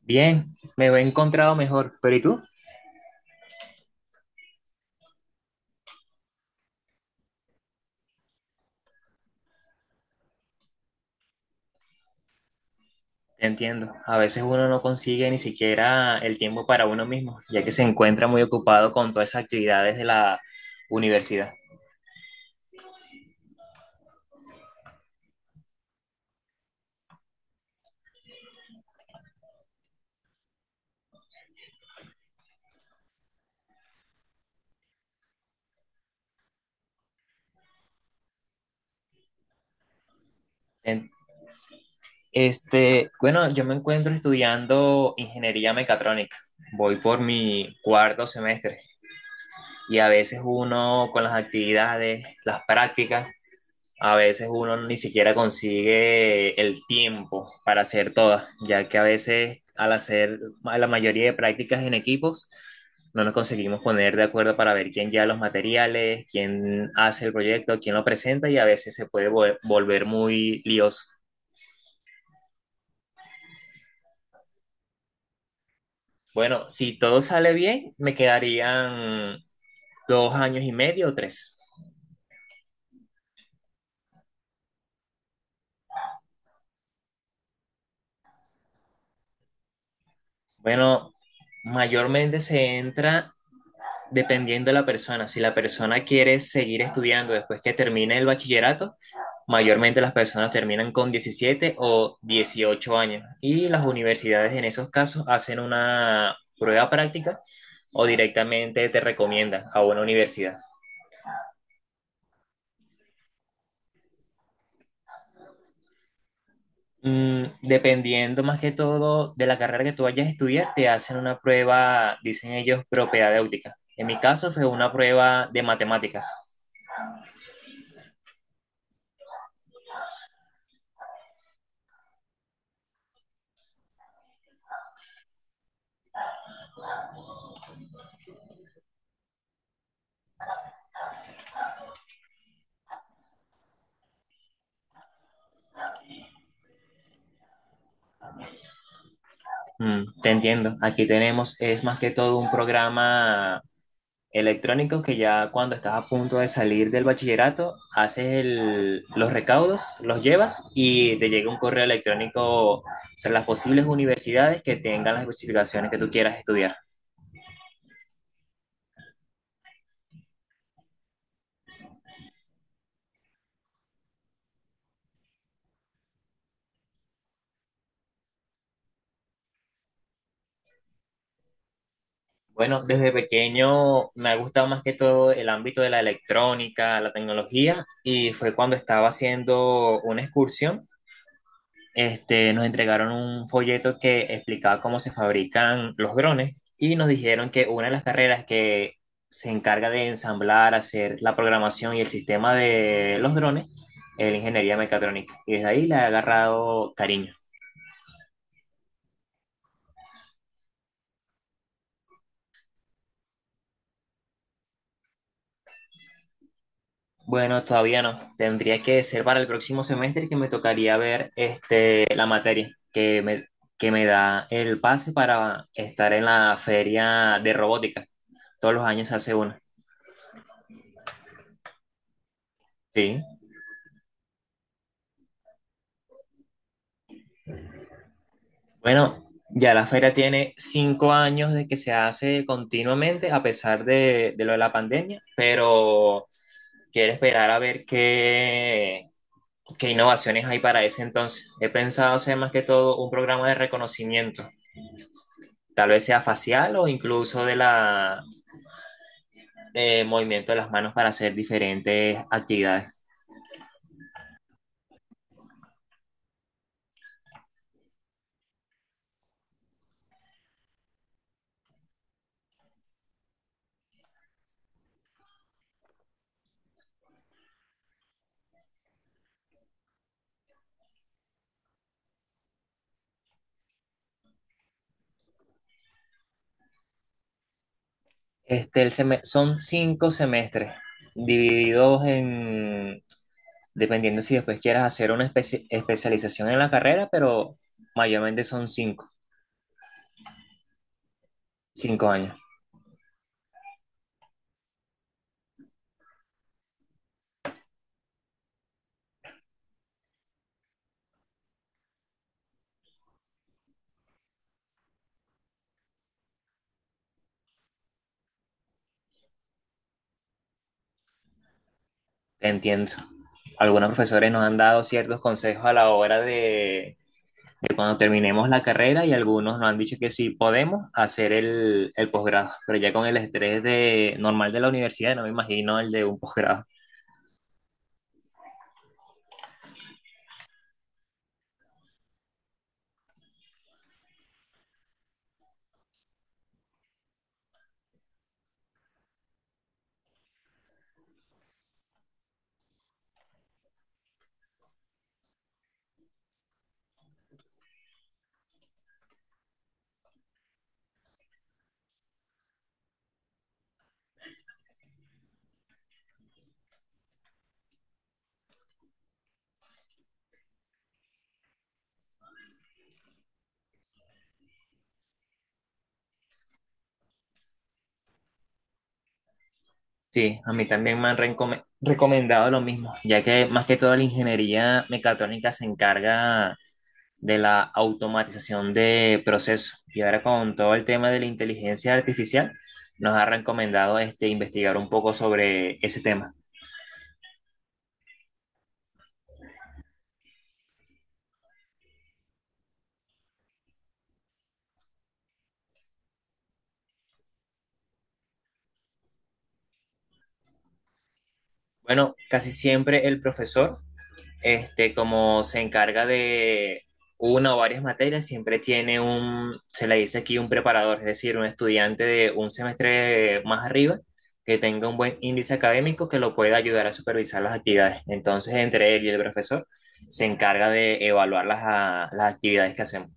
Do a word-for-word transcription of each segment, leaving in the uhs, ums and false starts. Bien, me he encontrado mejor, pero ¿y tú? Te entiendo, a veces uno no consigue ni siquiera el tiempo para uno mismo, ya que se encuentra muy ocupado con todas esas actividades de la universidad. En- Este, bueno, yo me encuentro estudiando ingeniería mecatrónica. Voy por mi cuarto semestre y a veces uno con las actividades, las prácticas. A veces uno ni siquiera consigue el tiempo para hacer todas, ya que a veces al hacer ma- la mayoría de prácticas en equipos, no nos conseguimos poner de acuerdo para ver quién lleva los materiales, quién hace el proyecto, quién lo presenta, y a veces se puede vol- volver muy lioso. Bueno, si todo sale bien, me quedarían dos años y medio o tres. Bueno, mayormente se entra, dependiendo de la persona, si la persona quiere seguir estudiando después que termine el bachillerato, mayormente las personas terminan con diecisiete o dieciocho años y las universidades en esos casos hacen una prueba práctica, o directamente te recomiendan a una universidad. Mm, dependiendo más que todo de la carrera que tú vayas a estudiar, te hacen una prueba, dicen ellos, propedéutica. En mi caso fue una prueba de matemáticas. Mm, te entiendo. Aquí tenemos, es más que todo un programa electrónico que ya cuando estás a punto de salir del bachillerato, haces el- los recaudos, los llevas y te llega un correo electrónico sobre las posibles universidades que tengan las especificaciones que tú quieras estudiar. Bueno, desde pequeño me ha gustado más que todo el ámbito de la electrónica, la tecnología, y fue cuando estaba haciendo una excursión. Este, nos entregaron un folleto que explicaba cómo se fabrican los drones y nos dijeron que una de las carreras que se encarga de ensamblar, hacer la programación y el sistema de los drones es la ingeniería mecatrónica. Y desde ahí le he agarrado cariño. Bueno, todavía no. Tendría que ser para el próximo semestre que me tocaría ver este, la materia que me, que me da el pase para estar en la feria de robótica. Todos los años se hace una. Sí. Bueno, ya la feria tiene cinco años de que se hace continuamente, a pesar de de lo de la pandemia, pero quiero esperar a ver qué, qué innovaciones hay para ese entonces. He pensado hacer más que todo un programa de reconocimiento, tal vez sea facial o incluso de la de movimiento de las manos para hacer diferentes actividades. Este, el seme- son cinco semestres divididos en, dependiendo si después quieras hacer una especi- especialización en la carrera, pero mayormente son cinco, cinco años. Te entiendo. Algunos profesores nos han dado ciertos consejos a la hora de de cuando terminemos la carrera, y algunos nos han dicho que sí podemos hacer el, el posgrado, pero ya con el estrés de, normal de la universidad, no me imagino el de un posgrado. Sí, a mí también me han recome- recomendado lo mismo, ya que más que todo la ingeniería mecatrónica se encarga de la automatización de procesos. Y ahora con todo el tema de la inteligencia artificial, nos ha recomendado este, investigar un poco sobre ese tema. Bueno, casi siempre el profesor, este, como se encarga de una o varias materias, siempre tiene un, se le dice aquí un preparador, es decir, un estudiante de un semestre más arriba que tenga un buen índice académico que lo pueda ayudar a supervisar las actividades. Entonces, entre él y el profesor se encarga de evaluar las, a- las actividades que hacemos.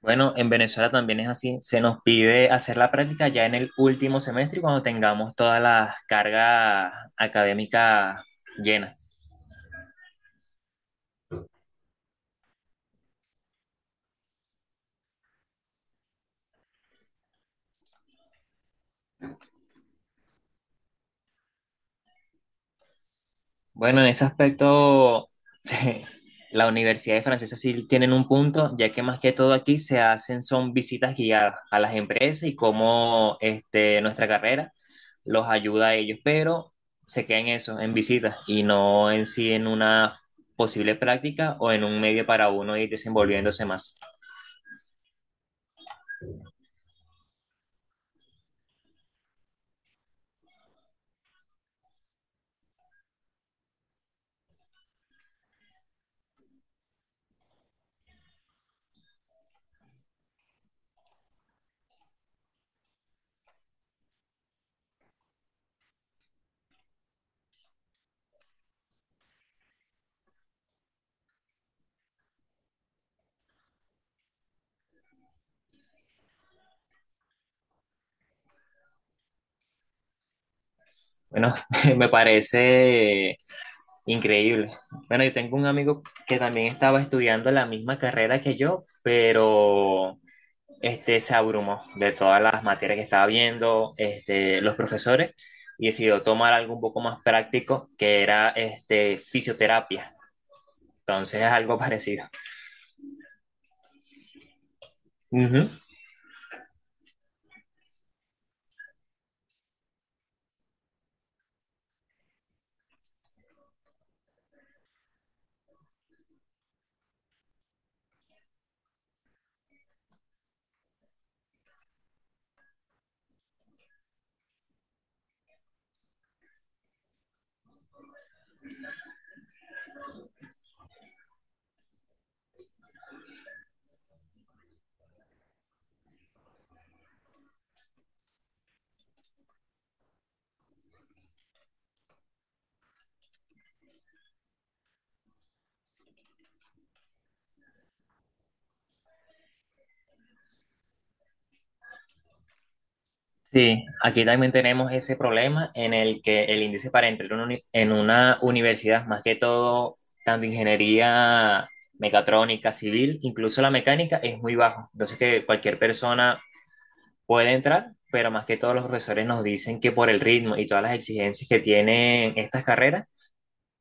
Bueno, en Venezuela también es así. Se nos pide hacer la práctica ya en el último semestre y cuando tengamos todas las cargas académicas llenas. Bueno, en ese aspecto, la Universidad de Francesa sí tienen un punto, ya que más que todo aquí se hacen son visitas guiadas a las empresas y cómo este, nuestra carrera los ayuda a ellos, pero se queda en eso, en visitas, y no en sí en una posible práctica o en un medio para uno ir desenvolviéndose más. Bueno, me parece increíble. Bueno, yo tengo un amigo que también estaba estudiando la misma carrera que yo, pero este, se abrumó de todas las materias que estaba viendo, este, los profesores, y decidió tomar algo un poco más práctico, que era este, fisioterapia. Entonces es algo parecido. Ujú. Sí, aquí también tenemos ese problema en el que el índice para entrar en una uni- en una universidad, más que todo, tanto ingeniería mecatrónica, civil, incluso la mecánica, es muy bajo. Entonces que cualquier persona puede entrar, pero más que todos los profesores nos dicen que por el ritmo y todas las exigencias que tienen estas carreras,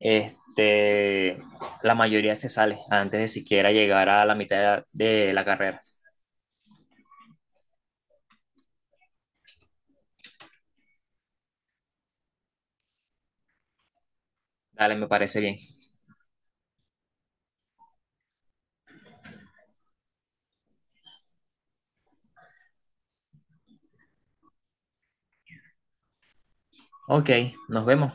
este, la mayoría se sale antes de siquiera llegar a la mitad de la carrera. Dale, me parece bien. Ok, nos vemos.